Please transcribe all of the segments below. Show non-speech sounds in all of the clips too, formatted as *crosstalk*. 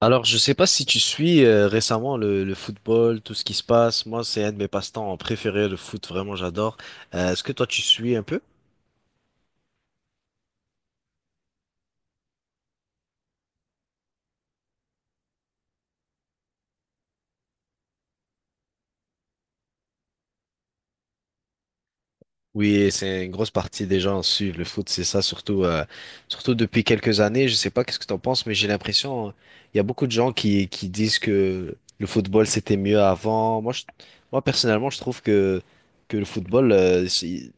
Alors, je sais pas si tu suis récemment le football, tout ce qui se passe. Moi, c'est un de mes passe-temps préférés, le foot, vraiment, j'adore. Est-ce que toi, tu suis un peu? Oui, c'est une grosse partie des gens suivent le foot, c'est ça, surtout, surtout depuis quelques années. Je sais pas qu'est-ce que t'en penses, mais j'ai l'impression, il y a beaucoup de gens qui disent que le football c'était mieux avant. Moi personnellement, je trouve que le football,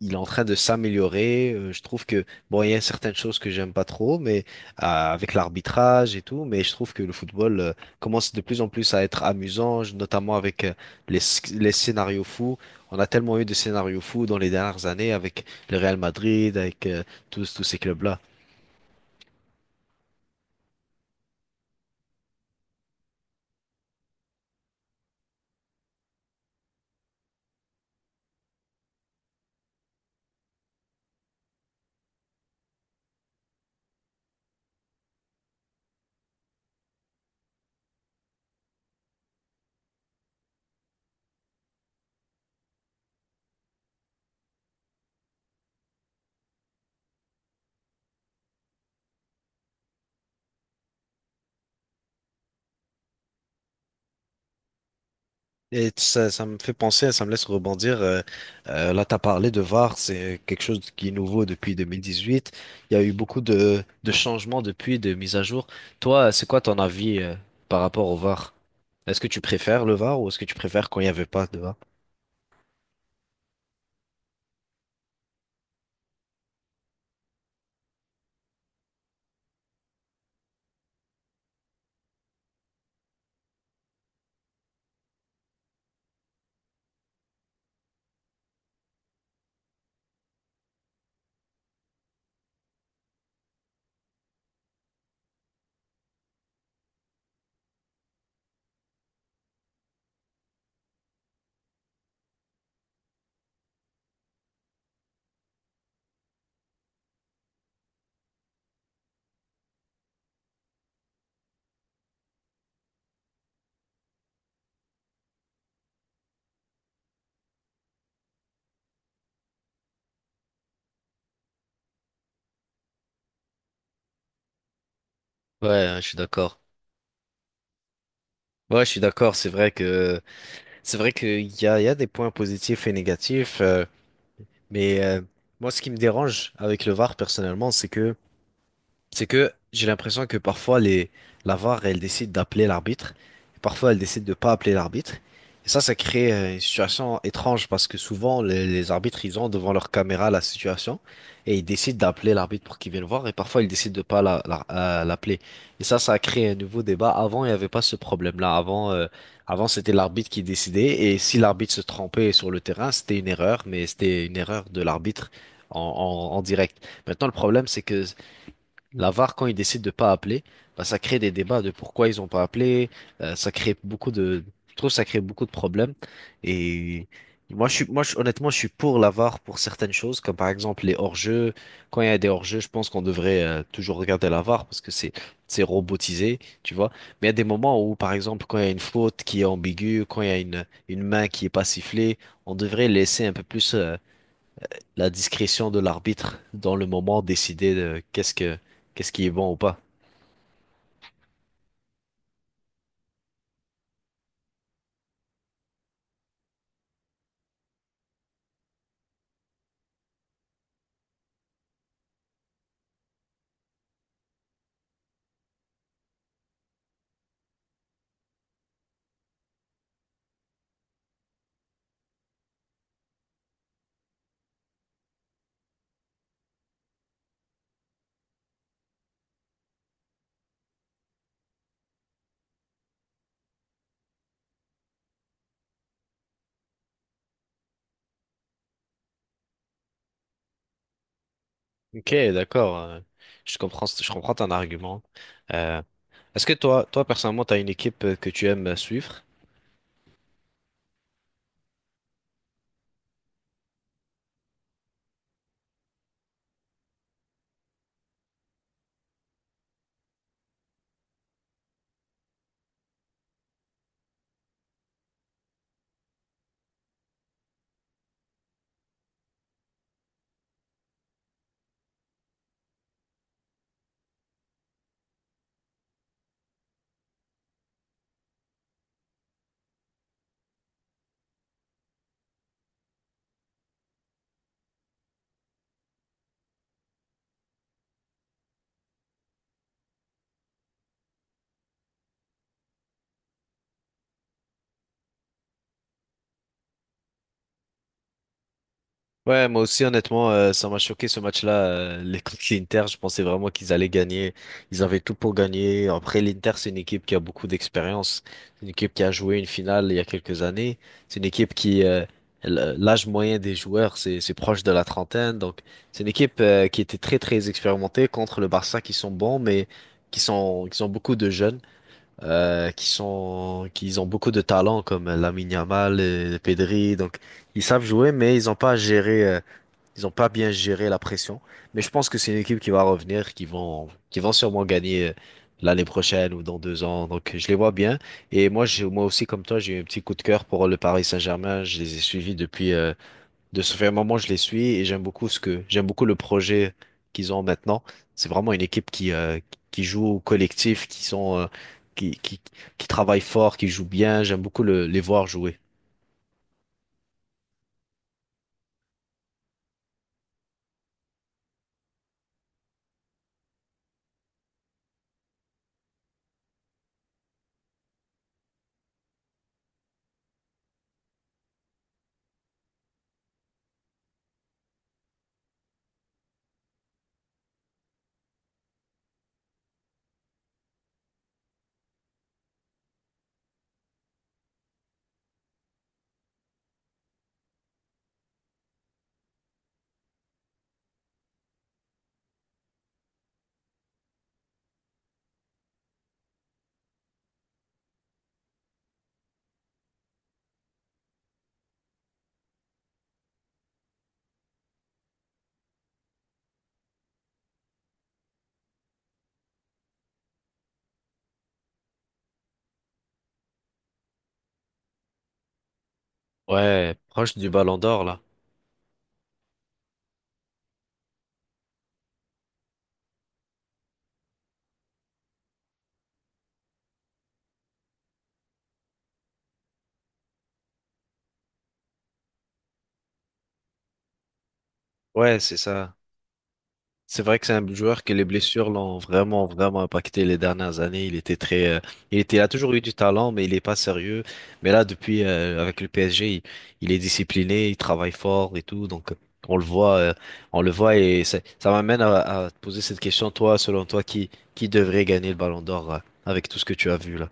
il est en train de s'améliorer. Je trouve que, bon, il y a certaines choses que j'aime pas trop, mais avec l'arbitrage et tout, mais je trouve que le football commence de plus en plus à être amusant, notamment avec les, sc- les scénarios fous. On a tellement eu de scénarios fous dans les dernières années avec le Real Madrid, avec tous ces clubs-là. Et ça me fait penser, ça me laisse rebondir. Là, tu as parlé de VAR, c'est quelque chose qui est nouveau depuis 2018. Il y a eu beaucoup de changements depuis, de mises à jour. Toi, c'est quoi ton avis par rapport au VAR? Est-ce que tu préfères le VAR ou est-ce que tu préfères quand il n'y avait pas de VAR? Ouais, je suis d'accord. Ouais, je suis d'accord. C'est vrai que c'est vrai qu'il y a, il y a des points positifs et négatifs. Mais moi, ce qui me dérange avec le VAR, personnellement, c'est que j'ai l'impression que parfois la VAR, elle décide d'appeler l'arbitre, et parfois elle décide de pas appeler l'arbitre. Et ça crée une situation étrange parce que souvent les arbitres, ils ont devant leur caméra la situation et ils décident d'appeler l'arbitre pour qu'il vienne voir et parfois ils décident de pas l'appeler. Et ça a créé un nouveau débat. Avant, il n'y avait pas ce problème-là. Avant, avant c'était l'arbitre qui décidait et si l'arbitre se trompait sur le terrain, c'était une erreur, mais c'était une erreur de l'arbitre en en direct. Maintenant, le problème, c'est que la VAR, quand ils décident de pas appeler, bah, ça crée des débats de pourquoi ils ont pas appelé. Ça crée beaucoup je trouve que ça crée beaucoup de problèmes. Et moi, je- honnêtement, je suis pour la VAR pour certaines choses, comme par exemple les hors-jeux. Quand il y a des hors-jeux, je pense qu'on devrait toujours regarder la VAR parce que c'est robotisé, tu vois. Mais il y a des moments où, par exemple, quand il y a une faute qui est ambiguë, quand il y a une main qui est pas sifflée, on devrait laisser un peu plus. La discrétion de l'arbitre dans le moment décider de qu'est-ce qui est bon ou pas. Ok, d'accord. Je comprends ton argument. Euh, Est-ce que toi personnellement, tu as une équipe que tu aimes suivre? Ouais, moi aussi, honnêtement, ça m'a choqué ce match-là. Les *laughs* contre l'Inter, je pensais vraiment qu'ils allaient gagner. Ils avaient tout pour gagner. Après, l'Inter, c'est une équipe qui a beaucoup d'expérience. C'est une équipe qui a joué une finale il y a quelques années. C'est une équipe qui, l'âge moyen des joueurs, c'est proche de la trentaine. Donc, c'est une équipe, qui était très expérimentée contre le Barça qui sont bons, mais qui sont beaucoup de jeunes, qui ont beaucoup de talent comme Lamine Yamal et Pedri. Donc, ils savent jouer, mais ils n'ont pas à gérer. Ils ont pas bien géré la pression, mais je pense que c'est une équipe qui va revenir, qui vont sûrement gagner l'année prochaine ou dans deux ans. Donc je les vois bien. Et moi aussi, comme toi, j'ai eu un petit coup de cœur pour le Paris Saint-Germain. Je les ai suivis depuis, de ce fait un moment, je les suis et j'aime beaucoup j'aime beaucoup le projet qu'ils ont maintenant. C'est vraiment une équipe qui joue au collectif, qui, qui, qui travaille fort, qui joue bien. J'aime beaucoup les voir jouer. Ouais, proche du Ballon d'Or là. Ouais, c'est ça. C'est vrai que c'est un joueur que les blessures l'ont vraiment impacté les dernières années. Il était très, il a toujours eu du talent, mais il n'est pas sérieux. Mais là, depuis, avec le PSG, il est discipliné, il travaille fort et tout. Donc, on le voit, euh, on le voit et ça m'amène à te poser cette question. Toi, selon toi, qui devrait gagner le Ballon d'Or, avec tout ce que tu as vu là?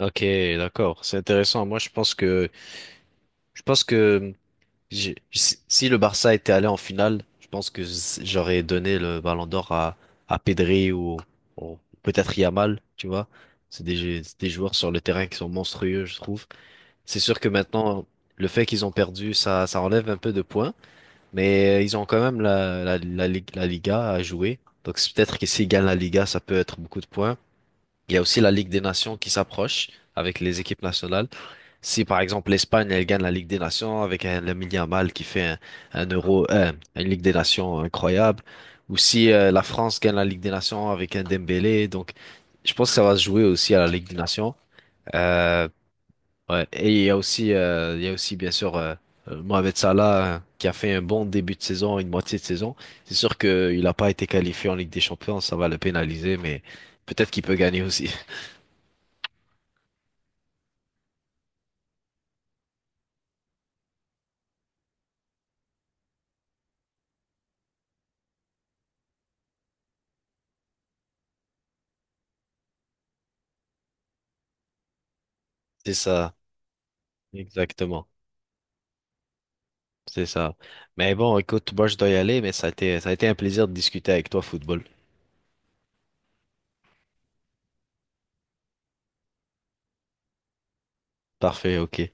Ok, d'accord. C'est intéressant. Moi, je pense que J'ai- Si si le Barça était allé en finale, je pense que s- j'aurais donné le Ballon d'Or à Pedri ou peut-être Yamal, tu vois. C'est des joueurs sur le terrain qui sont monstrueux, je trouve. C'est sûr que maintenant, le fait qu'ils ont perdu, ça enlève un peu de points, mais ils ont quand même la Liga à jouer. Donc c'est peut-être que s'ils gagnent la Liga, ça peut être beaucoup de points. Il y a aussi la Ligue des Nations qui s'approche avec les équipes nationales. Si par exemple l'Espagne elle gagne la Ligue des Nations avec un Lamine Yamal qui fait un Euro, une Ligue des Nations incroyable, ou si la France gagne la Ligue des Nations avec un Dembélé, donc je pense que ça va se jouer aussi à la Ligue des Nations. Euh, ouais. Et il y a aussi, bien sûr Mohamed Salah qui a fait un bon début de saison, une moitié de saison. C'est sûr qu'il n'a pas été qualifié en Ligue des Champions, ça va le pénaliser, mais peut-être qu'il peut gagner aussi. C'est ça, exactement. C'est ça. Mais bon, écoute, moi je dois y aller, mais ça a été un plaisir de discuter avec toi, football. Parfait, ok.